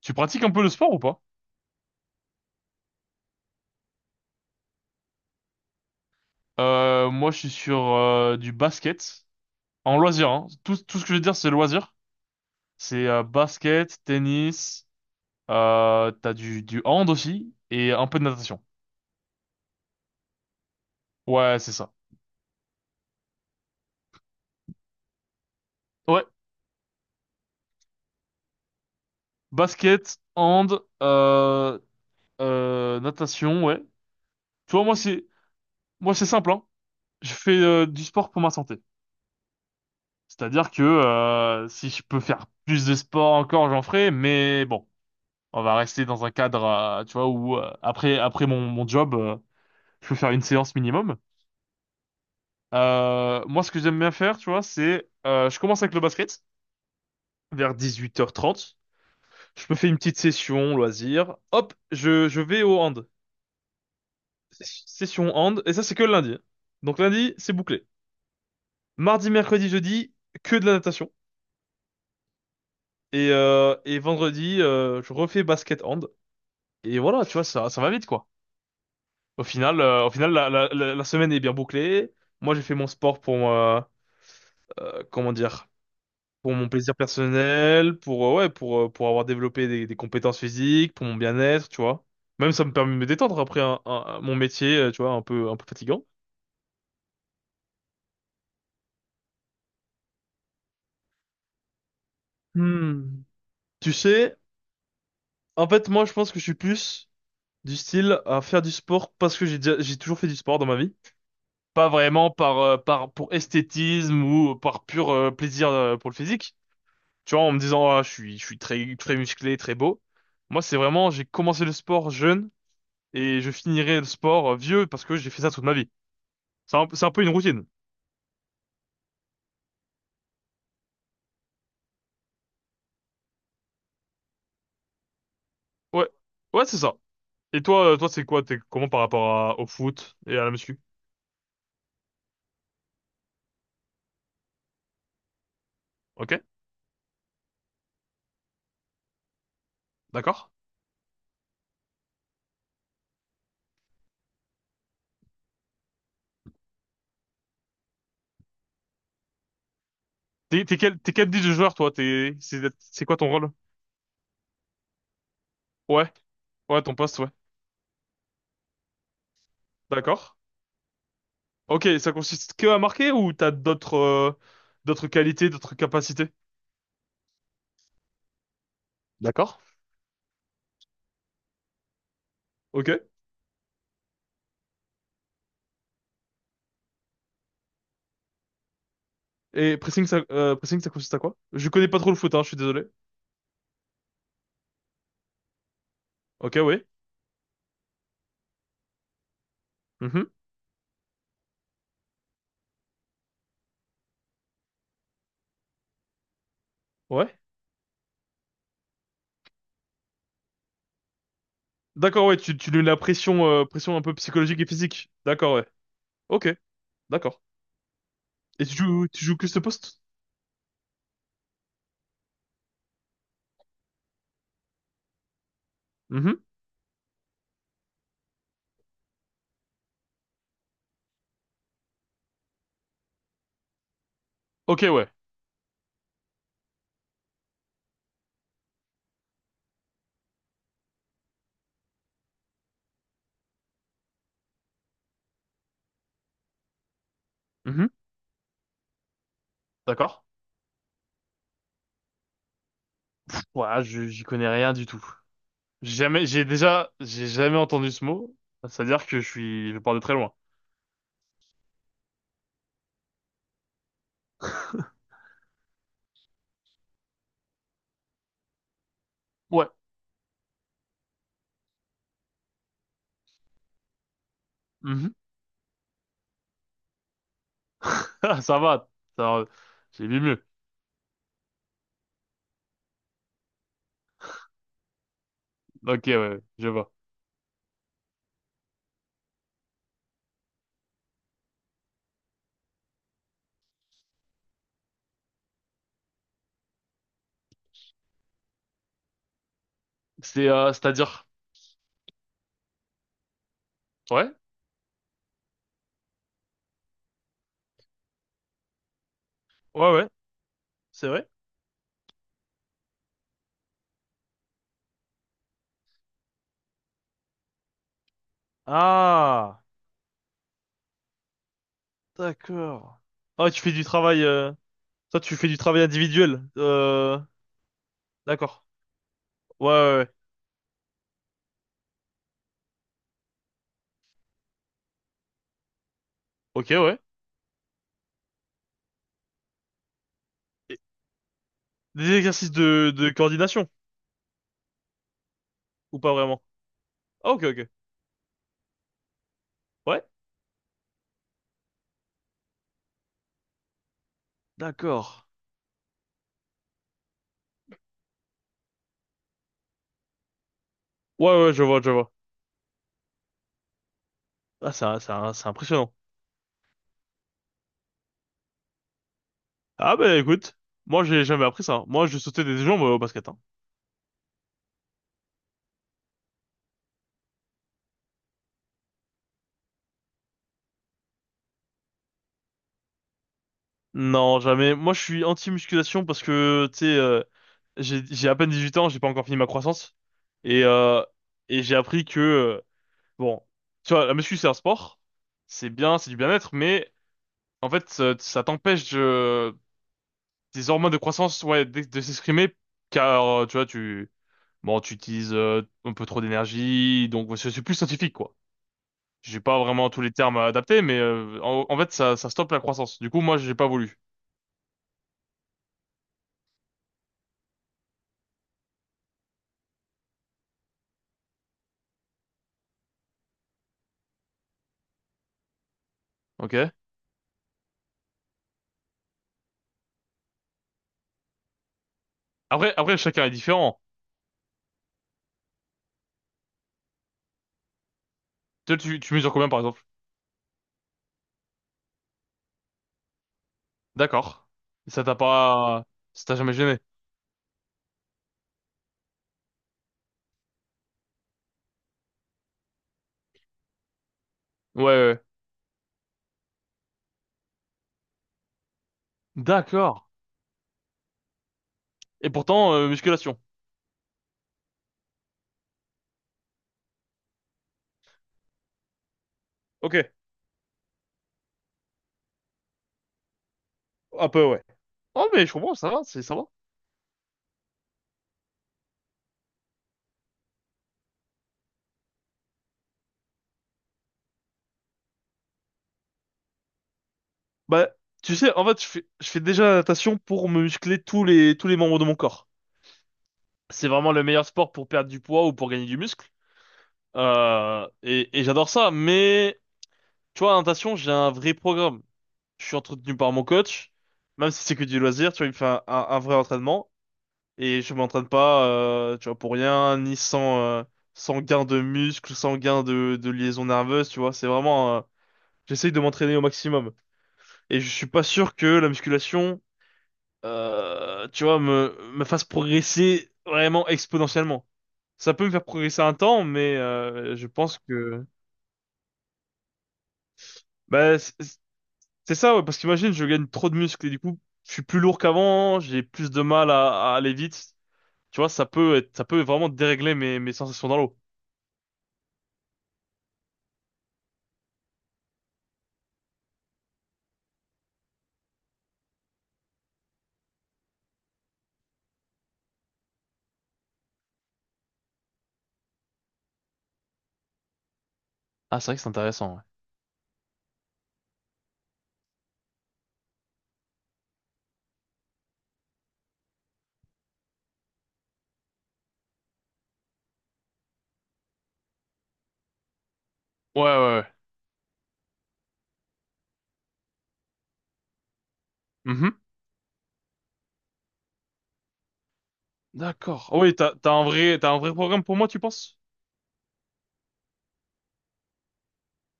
Tu pratiques un peu le sport ou pas? Moi, je suis sur du basket en loisir, hein. Tout ce que je veux dire, c'est loisir. C'est basket, tennis, t'as du hand aussi et un peu de natation. Ouais, c'est ça. Ouais, basket, hand, natation, ouais. Tu vois, moi, c'est simple, hein. Je fais du sport pour ma santé. C'est-à-dire que si je peux faire plus de sport encore, j'en ferai, mais bon. On va rester dans un cadre, tu vois, où après mon job, je peux faire une séance minimum. Moi, ce que j'aime bien faire, tu vois, c'est je commence avec le basket vers 18h30. Je me fais une petite session loisir. Hop, je vais au hand. Session hand et ça c'est que le lundi. Donc lundi, c'est bouclé. Mardi, mercredi, jeudi, que de la natation et vendredi, je refais basket hand et voilà, tu vois, ça va vite quoi. Au final, la semaine est bien bouclée. Moi, j'ai fait mon sport pour, comment dire, pour mon plaisir personnel, pour, ouais, pour avoir développé des compétences physiques, pour mon bien-être, tu vois. Même ça me permet de me détendre après mon métier, tu vois, un peu fatigant. Hmm. Tu sais, en fait, moi, je pense que je suis plus du style à faire du sport parce que j'ai toujours fait du sport dans ma vie. Pas vraiment pour esthétisme ou par pur, plaisir, pour le physique. Tu vois, en me disant, ah, je suis très, très musclé, très beau. Moi, c'est vraiment, j'ai commencé le sport jeune et je finirai le sport vieux parce que j'ai fait ça toute ma vie. C'est un peu une routine. Ouais. Ouais, c'est ça. Et toi, c'est quoi? T'es comment par rapport au foot et à la muscu? Ok? D'accord? T'es quel type de joueur, toi? C'est quoi ton rôle? Ouais. Ouais, ton poste, ouais. D'accord. Ok, ça consiste que à marquer ou t'as d'autres qualités, d'autres capacités? D'accord. Ok. Et pressing, ça consiste à quoi? Je connais pas trop le foot, hein, je suis désolé. Ok, oui. Mhm. Ouais. D'accord, ouais, tu lui mets la pression un peu psychologique et physique. D'accord, ouais. Ok, d'accord. Et tu joues que ce poste? Mhm. Ok, ouais. Mhm. D'accord. Ouais, j'y connais rien du tout. J'ai jamais entendu ce mot. C'est-à-dire que je pars de très loin. Ouais. Mhm. Ah, ça va. Ça, j'ai vu mieux. Ok, ouais, je vois. C'est-à-dire. Ouais. Ouais, ouais. C'est vrai. Ah. D'accord. Ah, tu fais du travail. Toi, tu fais du travail individuel. D'accord. Ouais, ouais, ouais. Ok, ouais. Et des exercices de coordination ou pas vraiment? Ah, ok, ok. Ouais. D'accord. Ouais, ouais, je vois, je vois. Ah, c'est impressionnant. Ah, bah écoute, moi, j'ai jamais appris ça, hein. Moi, je sautais des jambes au basket, hein. Non, jamais. Moi, je suis anti-musculation parce que, tu sais, j'ai à peine 18 ans, j'ai pas encore fini ma croissance. Et, euh, et j'ai appris que. Bon, tu vois, la muscu, c'est un sport, c'est bien, c'est du bien-être, mais en fait, ça t'empêche des hormones de croissance, ouais, de s'exprimer, car, tu vois, tu, bon, tu utilises un peu trop d'énergie, donc ouais, c'est plus scientifique, quoi. J'ai pas vraiment tous les termes adaptés, mais en fait, ça stoppe la croissance. Du coup, moi, j'ai pas voulu, ok? Après, après, chacun est différent. Toi, tu mesures combien, par exemple? D'accord. Ça t'a pas, ça t'a jamais gêné? Ouais, ouais, ouais. D'accord. Et pourtant, musculation. Ok. Un peu, ouais. Oh, mais je comprends, ça va, ça va. Bah, tu sais, en fait, je fais déjà la natation pour me muscler tous les membres de mon corps. C'est vraiment le meilleur sport pour perdre du poids ou pour gagner du muscle. Et j'adore ça, mais, tu vois, la natation, j'ai un vrai programme. Je suis entretenu par mon coach, même si c'est que du loisir, tu vois, il me fait un vrai entraînement. Et je m'entraîne pas, tu vois, pour rien, ni sans, sans gain de muscle, sans gain de liaison nerveuse, tu vois. C'est vraiment, j'essaye de m'entraîner au maximum. Et je suis pas sûr que la musculation, tu vois, me fasse progresser vraiment exponentiellement. Ça peut me faire progresser un temps, mais je pense que... Bah, c'est ça, ouais, parce qu'imagine, je gagne trop de muscles et du coup, je suis plus lourd qu'avant, j'ai plus de mal à aller vite. Tu vois, ça peut être, ça peut vraiment dérégler mes sensations dans l'eau. Ah, c'est vrai que c'est intéressant, ouais. Ouais, ouais, ouais. Mhm. D'accord. Ah oui, t'as un vrai programme pour moi, tu penses?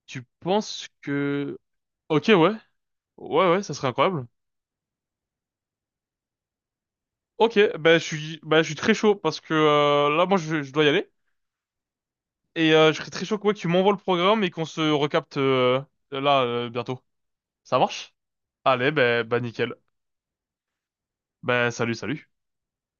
Tu penses que... Ok, ouais. Ouais, ouais, ça serait incroyable. Ok, ben, je suis très chaud parce que là moi je dois y aller et je serais très chaud que, ouais, que tu m'envoies le programme et qu'on se recapte là bientôt. Ça marche? Allez, ben nickel. Ben salut, salut.